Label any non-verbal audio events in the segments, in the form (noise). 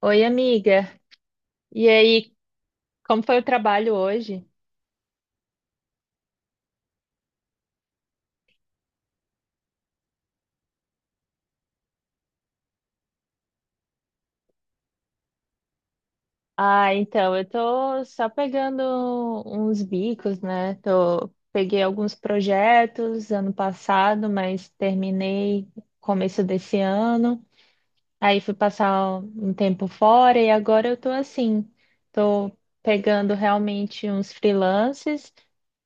Oi, amiga. E aí, como foi o trabalho hoje? Ah, então, eu tô só pegando uns bicos, né? Tô, peguei alguns projetos ano passado, mas terminei começo desse ano. Aí fui passar um tempo fora e agora eu tô assim, tô pegando realmente uns freelances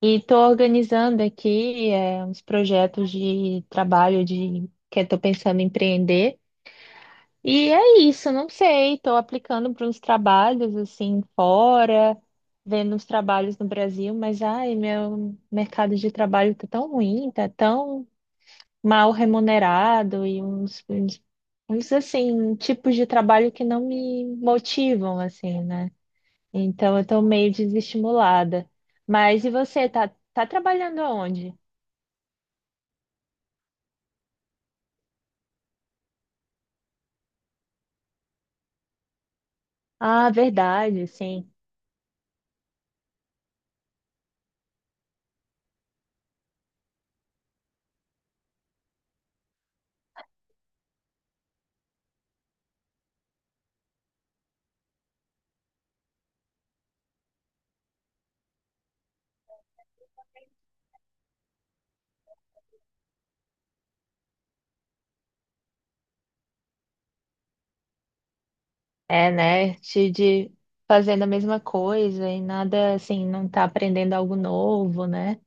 e tô organizando aqui, uns projetos de trabalho de que eu tô pensando em empreender. E é isso, não sei, estou aplicando para uns trabalhos assim fora, vendo uns trabalhos no Brasil, mas ai, meu mercado de trabalho tá tão ruim, tá tão mal remunerado e uns, assim, tipos de trabalho que não me motivam assim, né? Então eu tô meio desestimulada. Mas e você, tá trabalhando aonde? Ah, verdade, sim. É, né? Te de fazendo a mesma coisa e nada assim, não tá aprendendo algo novo, né?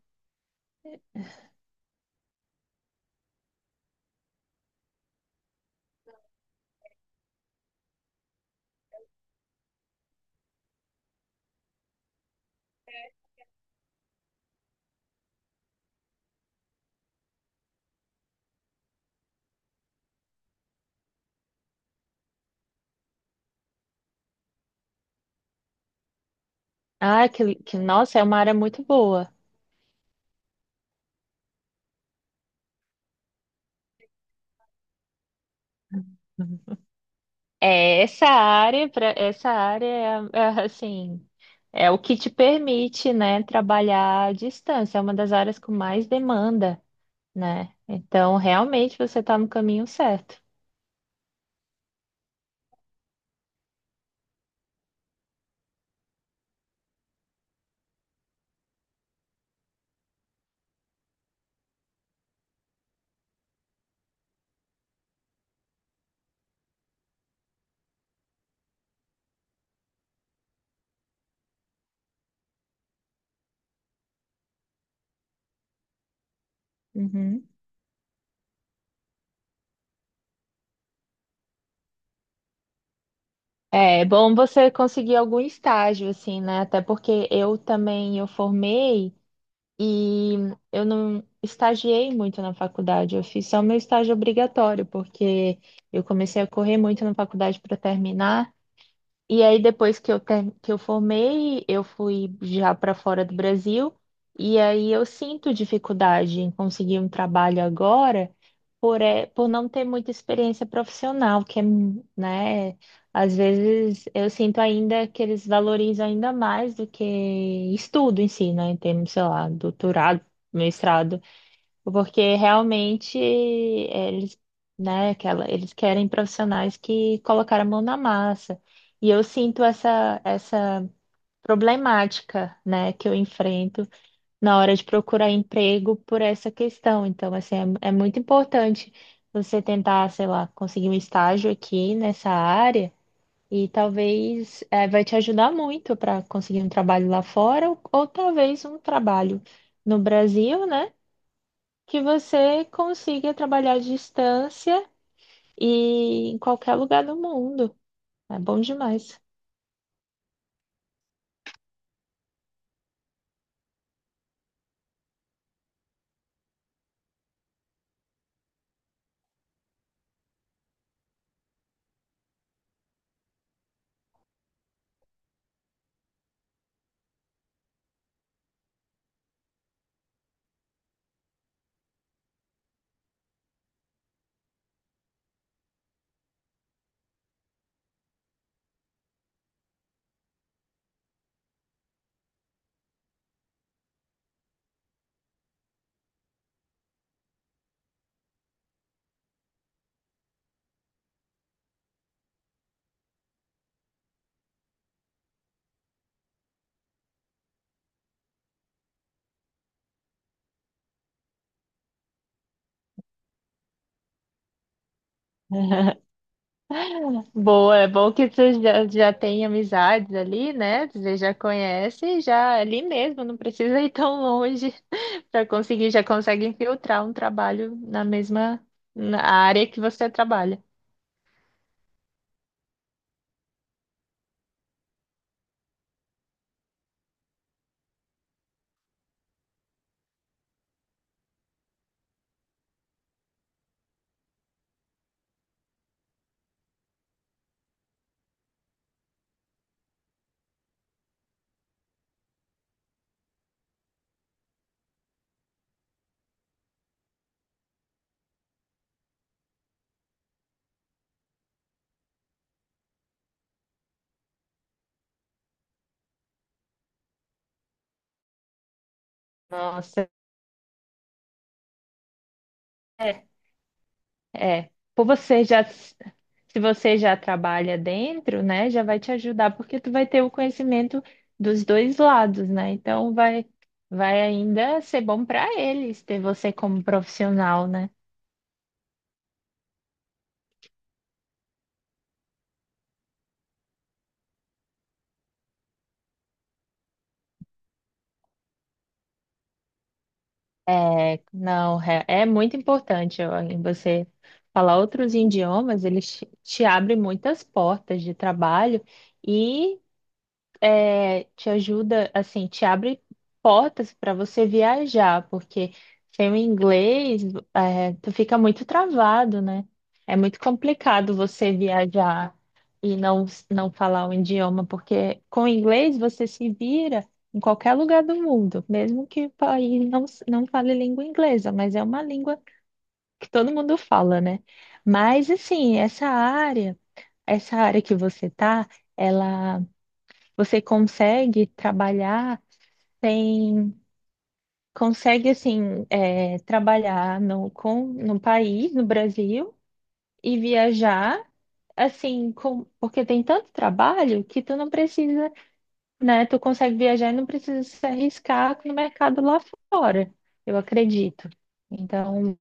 Ah, que nossa, é uma área muito boa. Uhum. É essa área, para essa área é, assim, é o que te permite, né, trabalhar à distância. É uma das áreas com mais demanda, né? Então, realmente você está no caminho certo. Uhum. É bom você conseguir algum estágio, assim, né? Até porque eu também eu formei. E eu não estagiei muito na faculdade, eu fiz só meu estágio obrigatório, porque eu comecei a correr muito na faculdade para terminar. E aí depois que que eu formei, eu fui já para fora do Brasil, e aí eu sinto dificuldade em conseguir um trabalho agora por, é, por não ter muita experiência profissional, que é, né, às vezes eu sinto ainda que eles valorizam ainda mais do que estudo em si, né, em termos, sei lá, doutorado, mestrado. Porque realmente eles, né, aquela, eles querem profissionais que colocaram a mão na massa. E eu sinto essa problemática, né, que eu enfrento na hora de procurar emprego por essa questão. Então, assim, é muito importante você tentar, sei lá, conseguir um estágio aqui nessa área e talvez vai te ajudar muito para conseguir um trabalho lá fora ou talvez um trabalho no Brasil, né? Que você consiga trabalhar à distância e em qualquer lugar do mundo. É bom demais. (laughs) Boa, é bom que você já tem amizades ali, né? Você já conhece, já ali mesmo, não precisa ir tão longe (laughs) para conseguir, já consegue infiltrar um trabalho na mesma na área que você trabalha. Nossa. É, por você já, se você já trabalha dentro, né, já vai te ajudar, porque tu vai ter o conhecimento dos dois lados, né? Então vai ainda ser bom para eles ter você como profissional, né? É, não, é muito importante ó, em você falar outros idiomas, eles te abrem muitas portas de trabalho e te ajuda, assim, te abre portas para você viajar, porque sem o inglês, tu fica muito travado, né? É muito complicado você viajar e não falar o idioma, porque com o inglês você se vira em qualquer lugar do mundo, mesmo que o país não fale língua inglesa, mas é uma língua que todo mundo fala, né? Mas, assim, essa área que você tá, ela, você consegue trabalhar tem, consegue assim trabalhar no país, no Brasil, e viajar assim, com, porque tem tanto trabalho que tu não precisa, né? Tu consegue viajar e não precisa se arriscar no mercado lá fora, eu acredito. Então,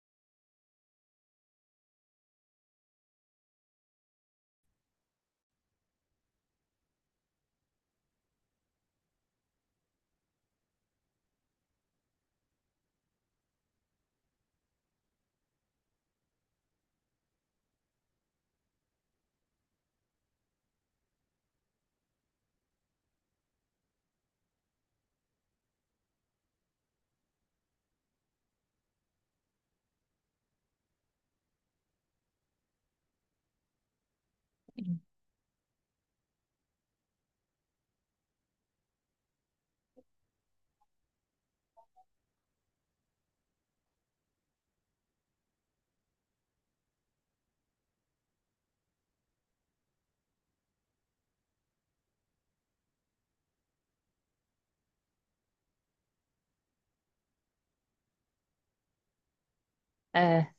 é,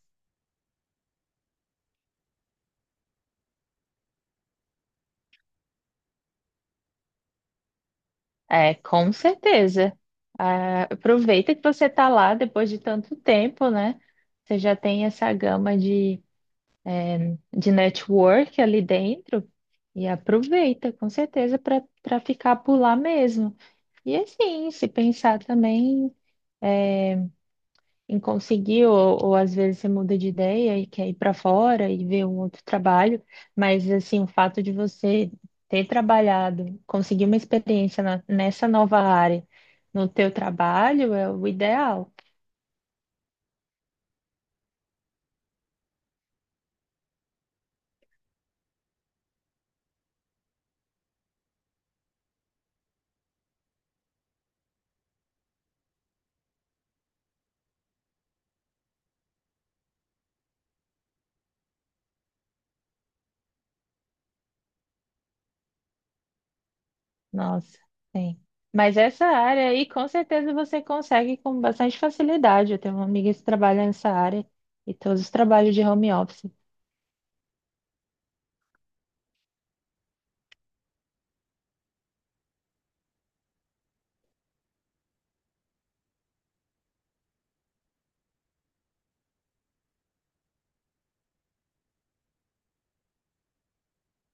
é com certeza. Ah, aproveita que você está lá depois de tanto tempo, né? Você já tem essa gama de network ali dentro e aproveita, com certeza, para ficar por lá mesmo. E assim, se pensar também em conseguir, ou às vezes você muda de ideia e quer ir para fora e ver um outro trabalho, mas assim, o fato de você ter trabalhado, conseguir uma experiência nessa nova área no teu trabalho é o ideal. Nossa, sim. Mas essa área aí, com certeza você consegue com bastante facilidade. Eu tenho uma amiga que trabalha nessa área e todos os trabalhos de home office.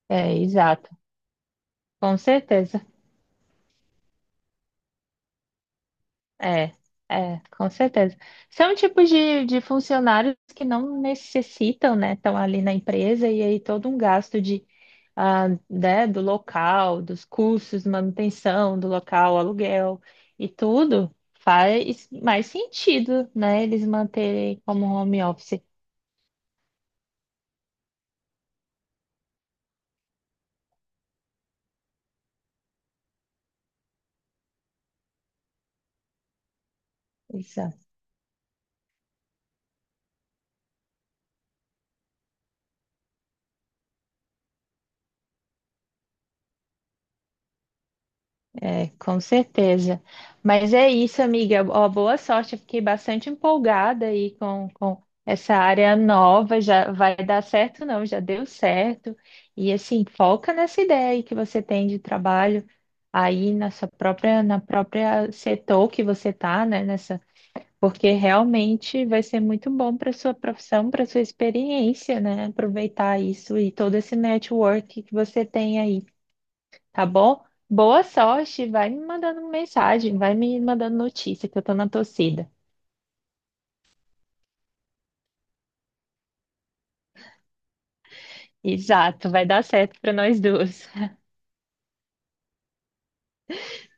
É, exato, com certeza. É, é, com certeza. São tipos de funcionários que não necessitam, né? Estão ali na empresa e aí todo um gasto de, ah, né, do local, dos custos, manutenção do local, aluguel e tudo faz mais sentido, né? Eles manterem como home office. É, com certeza. Mas é isso, amiga. Ó, boa sorte. Eu fiquei bastante empolgada aí com essa área nova. Já vai dar certo, não? Já deu certo. E assim, foca nessa ideia aí que você tem de trabalho aí na sua própria, na própria setor que você tá, né? Nessa, porque realmente vai ser muito bom para sua profissão, para sua experiência, né? Aproveitar isso e todo esse network que você tem aí tá bom? Boa sorte, vai me mandando mensagem, vai me mandando notícia que eu tô na torcida. Exato, vai dar certo para nós duas. (laughs)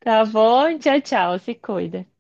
Tá bom? Tchau, tchau, se cuida.